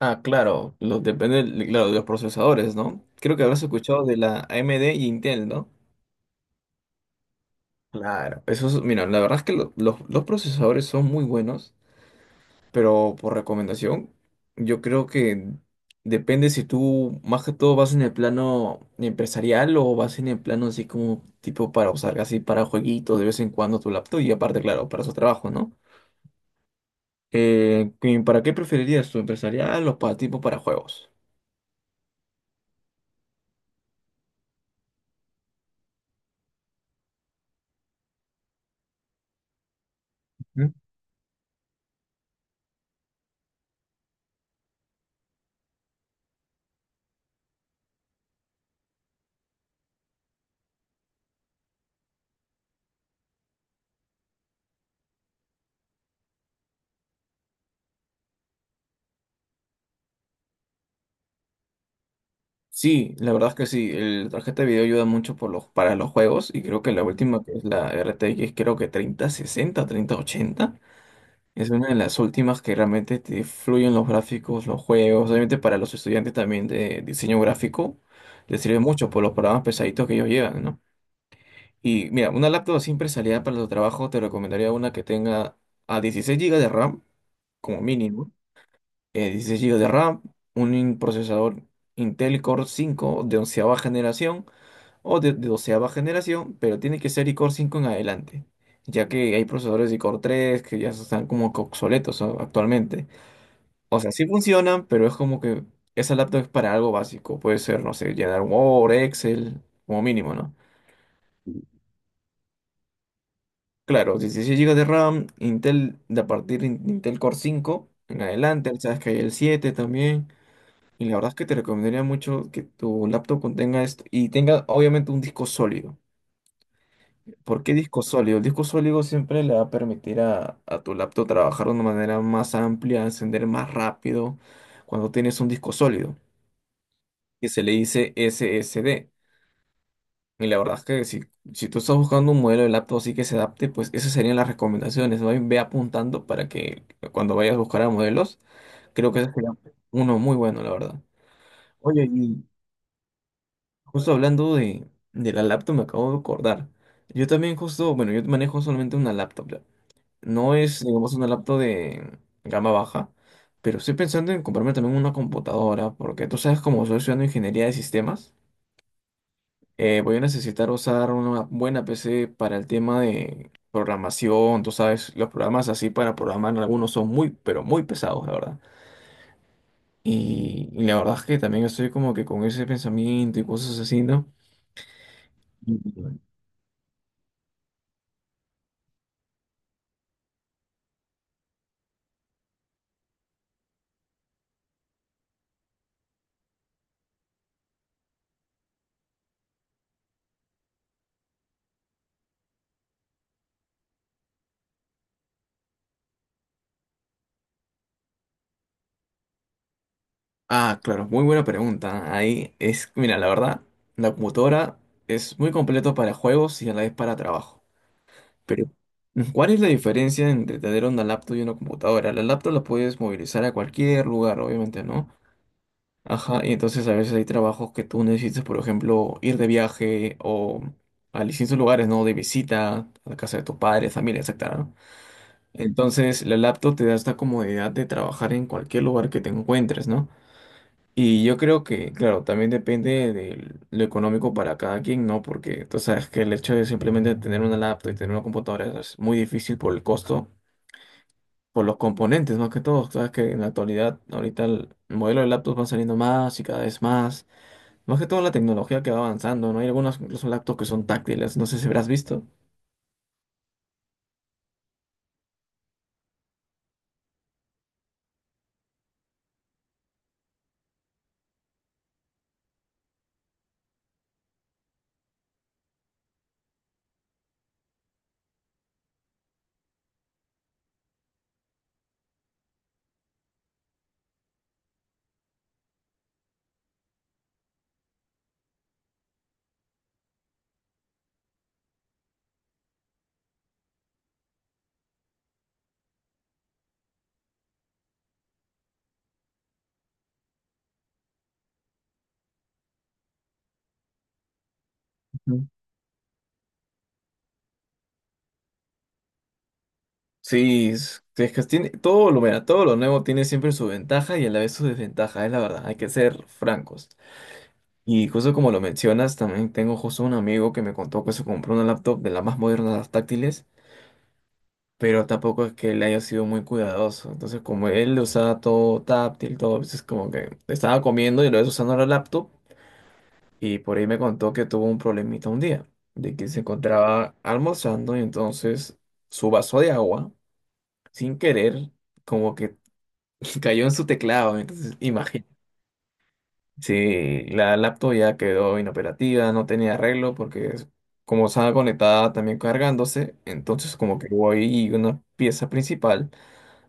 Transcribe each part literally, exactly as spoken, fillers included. Ah, claro, los, depende del- claro, de los procesadores, ¿no? Creo que habrás escuchado de la A M D y Intel, ¿no? Claro, eso es, mira, la verdad es que lo- los, los procesadores son muy buenos, pero por recomendación, yo creo que depende si tú más que todo vas en el plano empresarial o vas en el plano así como tipo para usar así para jueguitos de vez en cuando tu laptop y aparte, claro, para su trabajo, ¿no? Eh, ¿y ¿para qué preferirías tu empresarial o para tipo para juegos? Sí, la verdad es que sí, el- la tarjeta de video ayuda mucho por los, para los juegos, y creo que la última que es la R T X, creo que treinta, sesenta, treinta, ochenta, es una de las últimas que realmente te fluyen los gráficos, los juegos, obviamente para los estudiantes también de diseño gráfico les sirve mucho por los programas pesaditos que ellos llevan, ¿no? Y mira, una laptop así empresarial para tu trabajo te recomendaría una que tenga a dieciséis gigas de RAM como mínimo, eh, dieciséis G B de RAM, un in- procesador Intel Core cinco de onceava generación o de, de doceava generación, pero tiene que ser iCore cinco en adelante, ya que hay procesadores de iCore tres que ya están como que obsoletos, ¿no?, actualmente. O sea, sí funcionan, pero es como que esa laptop es para algo básico, puede ser, no sé, llenar Word, Excel, como mínimo, ¿no? Claro, dieciséis gigas de RAM, Intel, de a partir de Intel Core cinco en adelante, sabes que hay el siete también. Y la verdad es que te recomendaría mucho que tu laptop contenga esto y tenga obviamente un disco sólido. ¿Por qué disco sólido? El disco sólido siempre le va a permitir a, a tu laptop trabajar de una manera más amplia, encender más rápido cuando tienes un disco sólido, que se le dice S S D. Y la verdad es que si, si tú estás buscando un modelo de laptop así que se adapte, pues esas serían las recomendaciones. Ve ve apuntando para que cuando vayas a buscar a modelos, creo que ese sería uno muy bueno, la verdad. Oye, y justo hablando de, de la laptop, me acabo de acordar. Yo también justo, bueno, yo manejo solamente una laptop, ya. No es, digamos, una laptop de gama baja, pero estoy pensando en comprarme también una computadora, porque tú sabes, como soy estudiando ingeniería de sistemas, eh, voy a necesitar usar una buena P C para el tema de programación. Tú sabes, los programas así para programar, algunos son muy, pero muy pesados, la verdad. Y, y la verdad es que también estoy como que con ese pensamiento y cosas así, ¿no? Ah, claro, muy buena pregunta. Ahí es, mira, la verdad, la computadora es muy completo para juegos y a la vez para trabajo. Pero, ¿cuál es la diferencia entre tener una laptop y una computadora? La laptop la puedes movilizar a cualquier lugar, obviamente, ¿no? Ajá, y entonces a veces hay trabajos que tú necesitas, por ejemplo, ir de viaje o a distintos lugares, ¿no? De visita, a la casa de tus padres, familia, etcétera, ¿no? Entonces, la laptop te da esta comodidad de trabajar en cualquier lugar que te encuentres, ¿no? Y yo creo que, claro, también depende de lo económico para cada quien, ¿no? Porque tú sabes que el hecho de simplemente tener una laptop y tener una computadora es muy difícil por el costo, por los componentes, más que todo. Sabes que en la actualidad, ahorita el modelo de laptops van saliendo más y cada vez más. Más que todo la tecnología que va avanzando, ¿no? Hay algunas incluso laptops que son táctiles, no sé si habrás visto. Ujú. Sí, es, es que tiene todo lo, mira, todo lo nuevo tiene siempre su ventaja y a la vez su desventaja, es la verdad, hay que ser francos. Y justo como lo mencionas, también tengo justo un amigo que me contó que se compró una laptop de las más modernas, las táctiles, pero tampoco es que él haya sido muy cuidadoso. Entonces, como él usaba todo táctil, todo, es como que estaba comiendo y lo ves usando la laptop, y por ahí me contó que tuvo un problemita un día, de que se encontraba almorzando y entonces su vaso de agua, sin querer, como que cayó en su teclado. Entonces, sí, la laptop ya quedó inoperativa, no tenía arreglo porque es- como estaba conectada también cargándose, entonces como que hubo ahí una pieza principal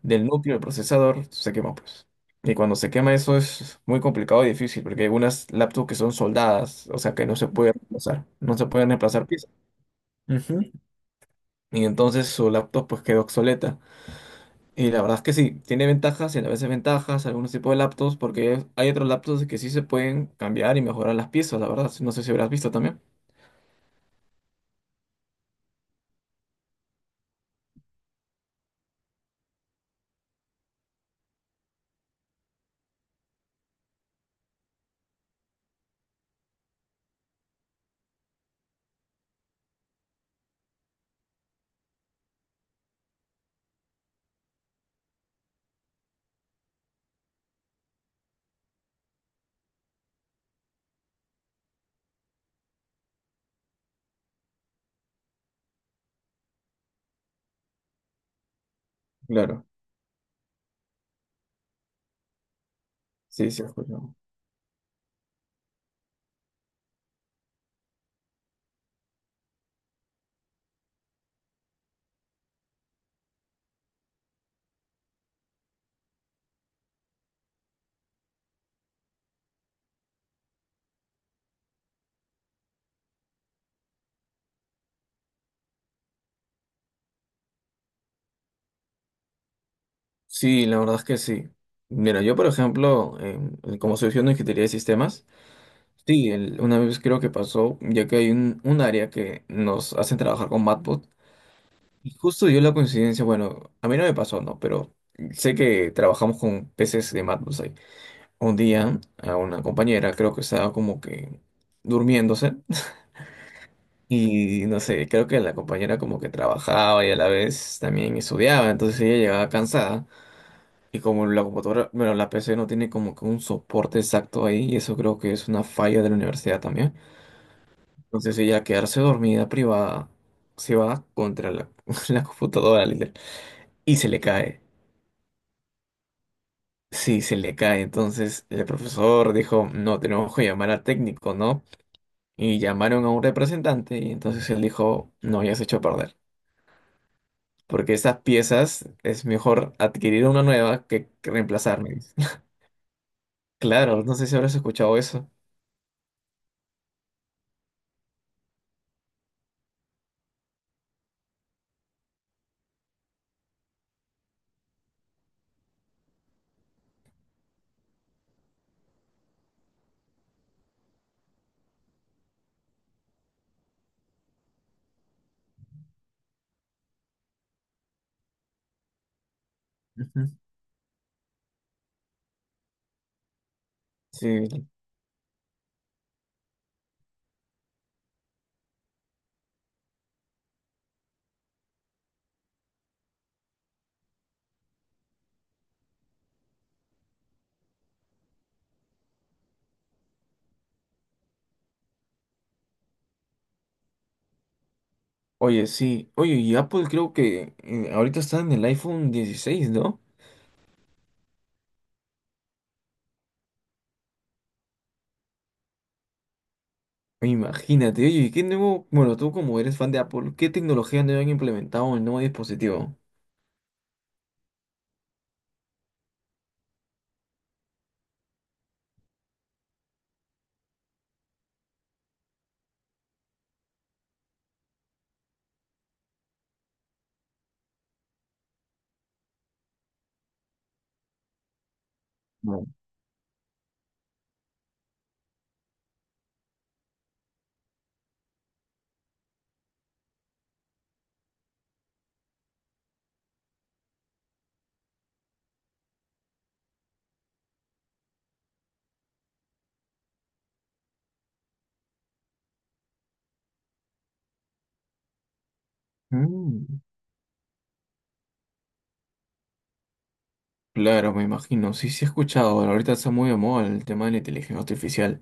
del núcleo del procesador, se quemó pues. Y cuando se quema eso es muy complicado y difícil porque hay algunas laptops que son soldadas, o sea que no se puede reemplazar, no se pueden reemplazar piezas. Ujú. Y entonces su laptop pues quedó obsoleta. Y la verdad es que sí, tiene ventajas y a veces ventajas algunos tipos de laptops, porque hay otros laptops que sí se pueden cambiar y mejorar las piezas, la verdad. No sé si habrás visto también. Claro, sí, sí, he escuchado. Sí, la verdad es que sí. Mira, yo por ejemplo, en- como soy estudiante de ingeniería de sistemas, sí, el- una vez creo que pasó, ya que hay un, un área que nos hacen trabajar con Matbot, y justo dio la coincidencia, bueno, a mí no me pasó, ¿no? Pero sé que trabajamos con P Cs de Matbot un día a una compañera, creo que estaba como que durmiéndose y no sé, creo que la compañera como que trabajaba y a la vez también estudiaba, entonces ella llegaba cansada, y como la computadora, bueno, la P C no tiene como que un soporte exacto ahí, y eso creo que es una falla de la universidad también, entonces ella, al quedarse dormida privada, se va contra la, la computadora literal, y se le cae. Sí, se le cae. Entonces el profesor dijo, no, tenemos que llamar al técnico, ¿no?, y llamaron a un representante y entonces él dijo, no, ya se echó a perder, porque esas piezas es mejor adquirir una nueva que, que reemplazarme, dice. Claro, no sé si habrás escuchado eso. Ujú. Sí. Oye, sí. Oye, y Apple creo que, eh, ahorita está en el iPhone dieciséis, ¿no? Imagínate, oye, ¿y ¿qué nuevo? Bueno, tú como eres fan de Apple, ¿qué tecnología nueva han implementado en el nuevo dispositivo? Bueno. Mm. Claro, me imagino. Sí, sí he escuchado. Ahorita está muy de moda el tema de la inteligencia artificial.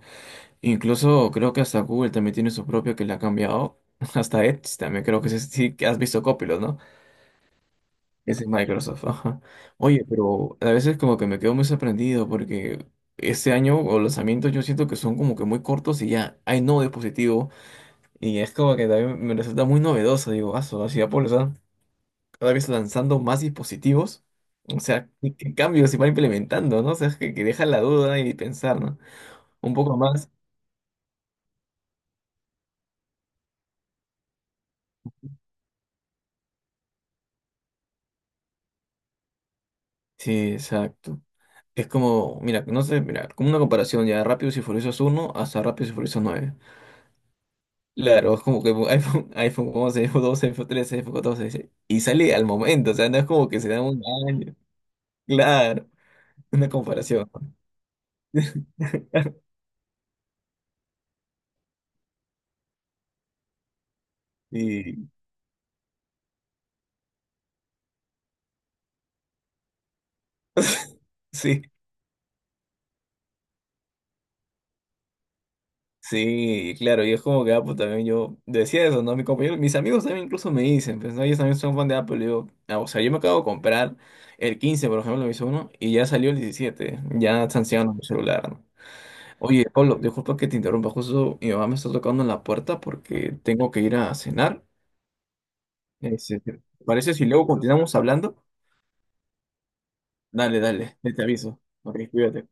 Incluso creo que hasta Google también tiene su propio que le ha cambiado. Hasta Edge también, creo que ese sí que has visto, Copilot, ¿no? Ese es Microsoft. Ajá. Oye, pero a veces como que me quedo muy sorprendido porque este año o lanzamientos yo siento que son como que muy cortos y ya hay nuevo dispositivo, y es como que también me resulta muy novedoso. Digo, ah, su- así Apple está cada vez lanzando más dispositivos. O sea, ¿qué, qué cambios se van implementando? ¿No? O sea, es que, que deja la duda y pensar, ¿no? Un poco más. Sí, exacto. Es como, mira, no sé, mira, como una comparación ya de Rápidos y Furiosos uno hasta Rápidos y Furiosos nueve. Claro, es como que iPhone, iPhone once, iPhone doce, iPhone trece, iPhone catorce, sí, y sale al momento, o sea, no es como que se da un año. Claro, una comparación, ¿no? Y sí, sí, claro, y es como que Apple también yo decía eso, ¿no? Mi compañero, mis amigos también incluso me dicen, pues, ¿no? Ellos también son fan de Apple, y digo, ah, o sea, yo me acabo de comprar el quince por ejemplo, me hizo uno, y ya salió el diecisiete, ya está anciano mi celular, ¿no? Oye, Pablo, disculpa que te interrumpa, justo mi mamá me está tocando en la puerta porque tengo que ir a cenar. Este, ¿te parece si luego continuamos hablando? Dale, dale, te aviso. Ok, cuídate.